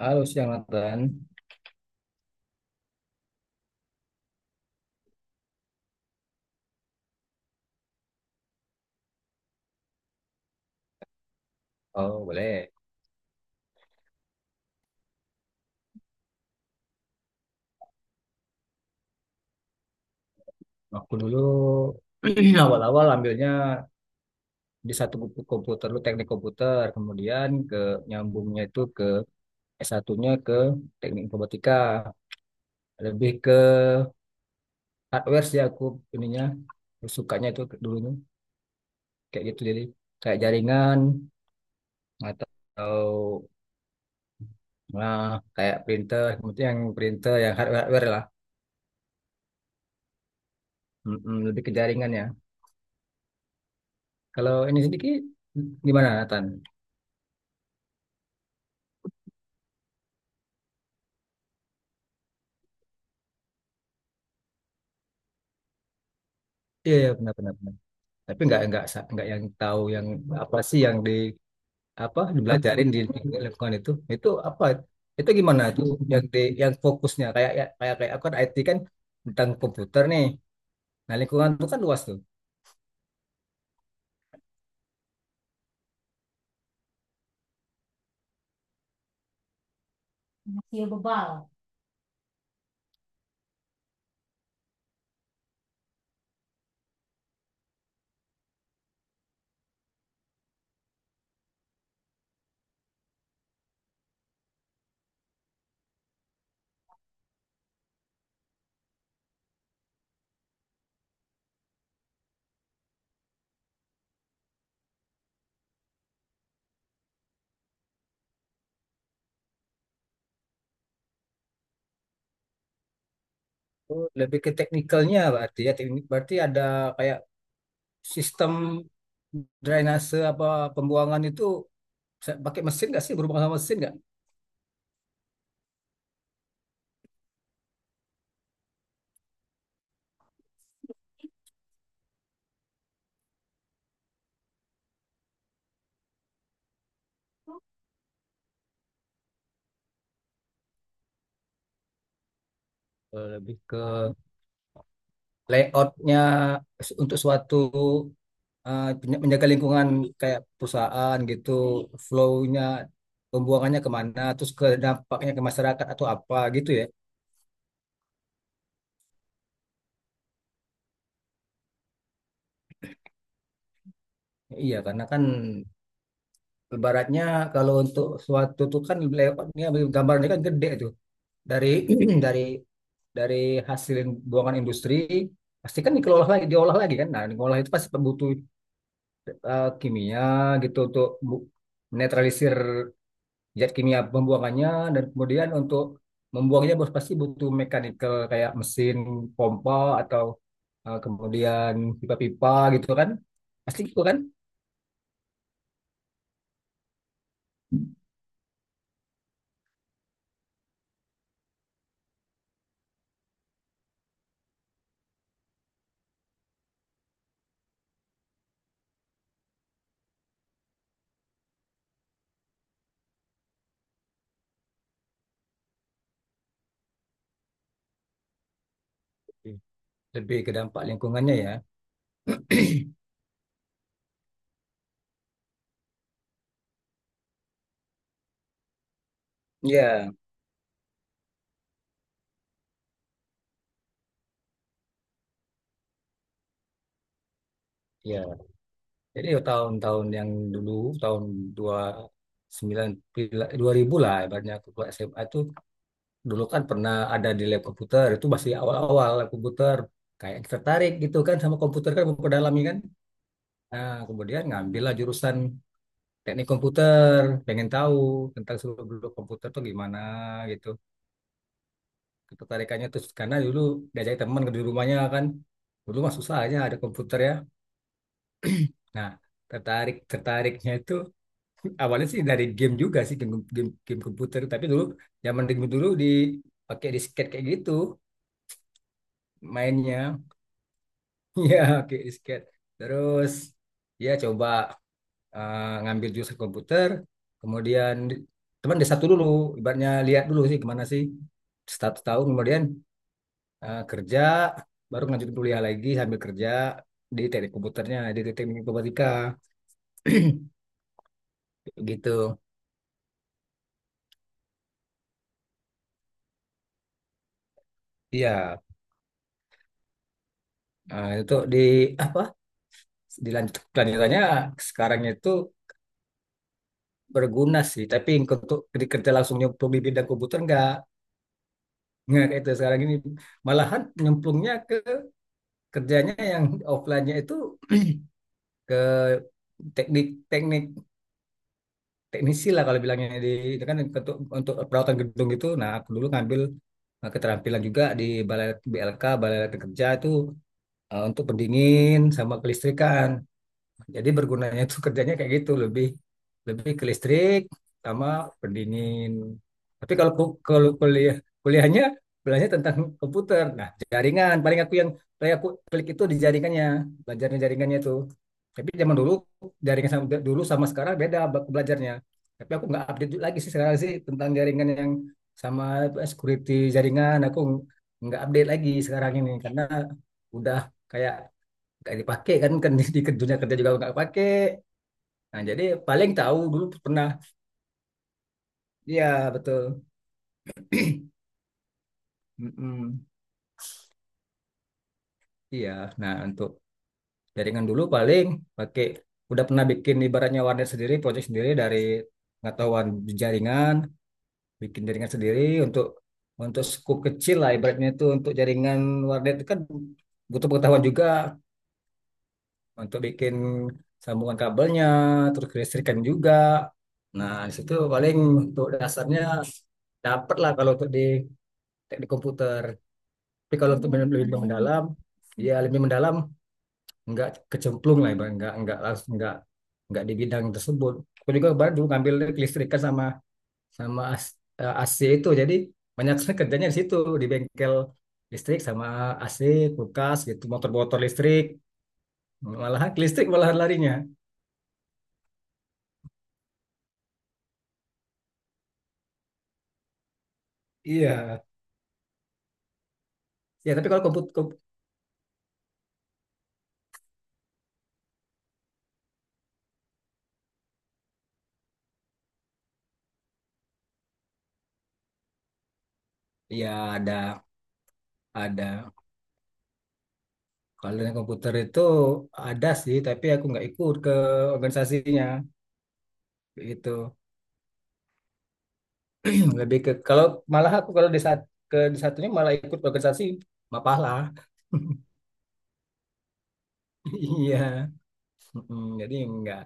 Halo, siang Nathan. Oh, boleh. Aku dulu awal-awal ambilnya di satu buku komputer, dulu teknik komputer. Kemudian ke nyambungnya itu ke s S1 ke teknik informatika. Lebih ke hardware sih aku ininya. Sukanya itu dulunya. Kayak gitu jadi. Kayak jaringan atau, nah, kayak printer. Kemudian yang printer, yang hardware-hardware lah. Mm-mm, lebih ke jaringan ya. Kalau ini sedikit, gimana Nathan? Iya, iya, benar-benar. Tapi nggak yang tahu yang apa sih yang di apa dibelajarin di lingkungan itu apa, itu gimana tuh yang di yang fokusnya, kayak ya- kayak kayak aku kan IT kan, tentang komputer nih. Nah, lingkungan itu kan luas tuh. Masih bebal. Oh, lebih ke teknikalnya berarti ya, teknik berarti ada kayak sistem drainase apa pembuangan itu, bisa pakai mesin nggak sih, berhubungan sama mesin nggak? Lebih ke layoutnya untuk suatu, menjaga lingkungan kayak perusahaan gitu, flow-nya, pembuangannya kemana, terus ke dampaknya ke masyarakat atau apa gitu ya. Iya, karena kan ibaratnya kalau untuk suatu tuh kan layoutnya, gambarnya kan gede tuh. Dari dari dari hasil buangan industri pasti kan dikelola lagi, diolah lagi kan. Nah, diolah itu pasti butuh, kimia gitu untuk netralisir zat kimia pembuangannya, dan kemudian untuk membuangnya bos pasti butuh mechanical, kayak mesin pompa atau, kemudian pipa-pipa gitu kan, pasti gitu kan. Hmm. Lebih ke dampak lingkungannya ya. Iya. Ya jadi, ya tahun-tahun yang dulu, tahun dua sembilan dua ribu lah ibaratnya aku keluar SMA itu. Dulu kan pernah ada di lab komputer, itu masih awal-awal lab komputer, kayak tertarik gitu kan sama komputer kan, memperdalami kan. Nah kemudian ngambil lah jurusan teknik komputer, pengen tahu tentang seluruh beluk komputer tuh gimana gitu. Ketertarikannya terus karena dulu diajak teman ke di rumahnya kan. Dulu mah susah aja ada komputer ya. Nah, tertarik tertariknya itu, awalnya sih dari game juga sih, game game, game komputer. Tapi dulu zaman dulu dulu di pakai disket kayak gitu mainnya. Ya, pakai disket. Terus ya coba, ngambil jurusan komputer, kemudian teman desa satu dulu, ibaratnya lihat dulu sih kemana sih, satu tahun kemudian, kerja, baru lanjut kuliah lagi sambil kerja di teknik komputernya, di teknik informatika, gitu. Iya, itu di apa? Dilanjut kelanjutannya sekarang itu berguna sih, tapi untuk di kerja langsung nyemplung di bidang komputer enggak. Nggak kayak itu sekarang ini, malahan nyemplungnya ke kerjanya yang offline-nya itu ke teknik teknik teknisi lah kalau bilangnya di itu kan, untuk, perawatan gedung itu. Nah aku dulu ngambil, keterampilan juga di balai BLK, balai latihan kerja itu, untuk pendingin sama kelistrikan. Jadi bergunanya itu kerjanya kayak gitu, lebih lebih ke listrik sama pendingin. Tapi kalau kuliah, kuliahnya belajarnya tentang komputer. Nah, jaringan paling aku yang paling aku klik itu di jaringannya, belajarnya jaringannya itu. Tapi zaman dulu jaringan sama dulu sama sekarang beda, belajarnya. Tapi aku nggak update lagi sih sekarang sih tentang jaringan yang sama, security jaringan aku nggak update lagi sekarang ini, karena udah kayak nggak dipakai kan, di dunia kerja juga nggak pakai, nah jadi paling tahu dulu pernah. Iya, betul. Mm-mm. Iya, nah untuk jaringan dulu paling pakai, udah pernah bikin ibaratnya warnet sendiri, project sendiri dari pengetahuan jaringan, bikin jaringan sendiri untuk, skup kecil lah ibaratnya, itu untuk jaringan warnet itu kan butuh pengetahuan juga untuk bikin sambungan kabelnya, terus kelistrikan juga. Nah, di situ paling untuk dasarnya dapat lah kalau untuk di teknik komputer. Tapi kalau untuk lebih mendalam, ya lebih mendalam, nggak kecemplung lah, ibarat nggak, langsung nggak, di bidang tersebut. Aku juga baru dulu ngambil kelistrikan sama, sama as- AC itu, jadi banyak sekali kerjanya di situ, di bengkel listrik sama AC, kulkas gitu, motor-motor listrik, malahan ke listrik malahan larinya. Iya. Ya, tapi kalau komputer, ya ada, ada kalau dengan komputer itu ada sih, tapi aku nggak ikut ke organisasinya gitu. Lebih ke kalau, malah aku kalau di saat ke di satunya malah ikut organisasi Mapala. Iya. Jadi nggak,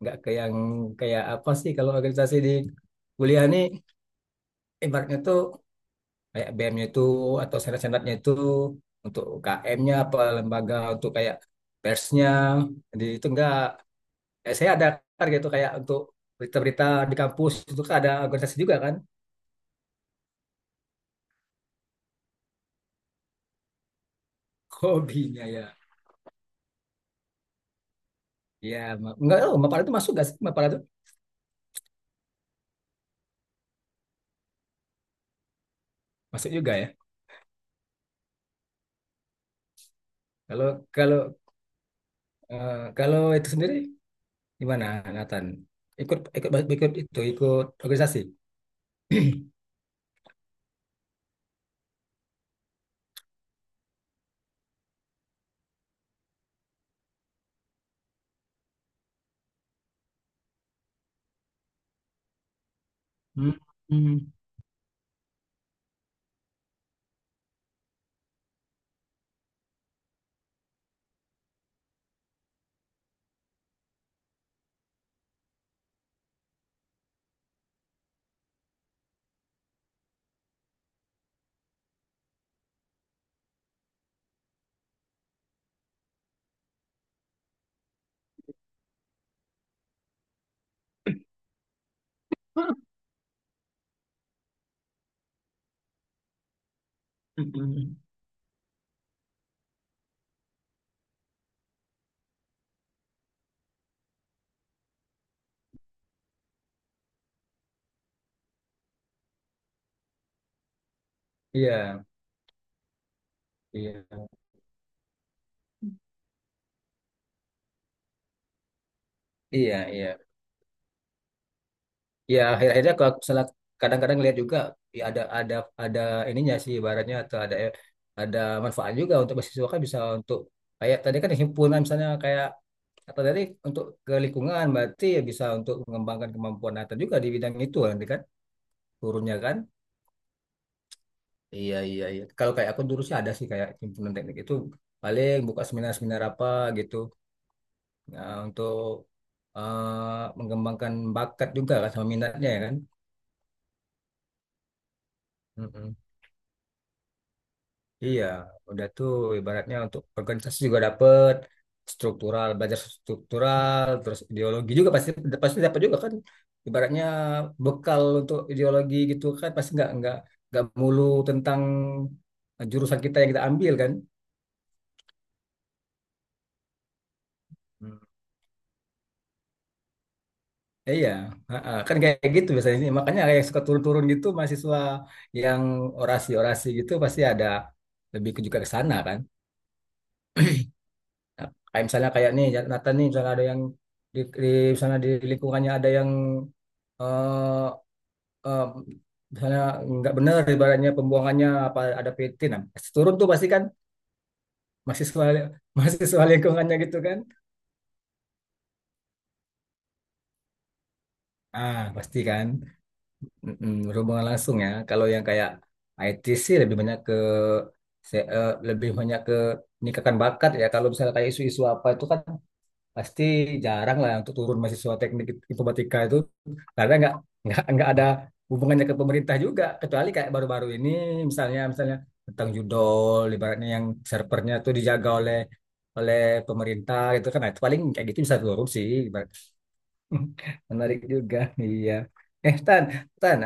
ke yang kayak apa sih, kalau organisasi di kuliah nih ibaratnya tuh kayak BM-nya itu atau senat-senatnya itu, untuk UKM-nya apa, lembaga untuk kayak persnya. Jadi itu enggak, saya ada target itu kayak untuk berita-berita di kampus, itu kan ada organisasi juga kan. Hobinya ya. Ya enggak, oh, Mapala itu masuk gak sih, Mapala itu masuk juga ya? Kalau, kalau kalau itu sendiri gimana Nathan, ikut, ikut ikut itu ikut organisasi? Hmm. Hmm. Iya, iya, iya, iya, ya akhir-akhirnya kalau misalnya kadang-kadang lihat juga ya, ada, ada ininya sih ibaratnya, atau ada, ada manfaat juga untuk mahasiswa kan, bisa untuk kayak tadi kan himpunan misalnya kayak, atau tadi untuk ke lingkungan berarti ya bisa untuk mengembangkan kemampuan Nathan juga di bidang itu nanti kan, turunnya kan. Iya, iya, iya, kalau kayak aku dulu sih ada sih kayak himpunan teknik itu, paling buka seminar-seminar apa gitu. Nah, untuk, mengembangkan bakat juga kan, sama minatnya ya kan. Iya, udah tuh ibaratnya untuk organisasi juga dapet struktural, belajar struktural, terus ideologi juga pasti, dapat juga kan. Ibaratnya bekal untuk ideologi gitu kan, pasti nggak, nggak mulu tentang jurusan kita yang kita ambil kan. Hmm. Iya, ha-ha. Kan kayak gitu biasanya sih. Makanya kayak suka turun-turun gitu mahasiswa yang orasi-orasi gitu pasti ada, lebih ke juga ke sana kan. Nah, kayak misalnya kayak nih Nathan nih, misalnya ada yang di, misalnya di lingkungannya ada yang, eh eh, misalnya nggak benar ibaratnya pembuangannya apa ada PT, nah pasti turun tuh pasti kan mahasiswa, mahasiswa lingkungannya gitu kan. Ah, pasti kan. Mm-mm, berhubungan langsung ya, kalau yang kayak IT sih lebih banyak ke, lebih banyak ke meningkatkan bakat ya. Kalau misalnya kayak isu-isu apa itu kan pasti jarang lah untuk turun mahasiswa teknik informatika itu, karena nggak, nggak ada hubungannya ke pemerintah juga, kecuali kayak baru-baru ini misalnya, tentang judol ibaratnya yang servernya tuh dijaga oleh, oleh pemerintah gitu kan. Nah, itu paling kayak gitu bisa turun sih ibarat. Menarik juga. Iya, tan, tan,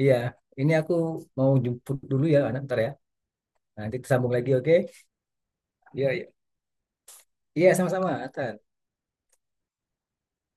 iya, ini aku mau jemput dulu ya anak ntar ya, nanti sambung lagi, oke. Iya, iya, iya, sama-sama tan.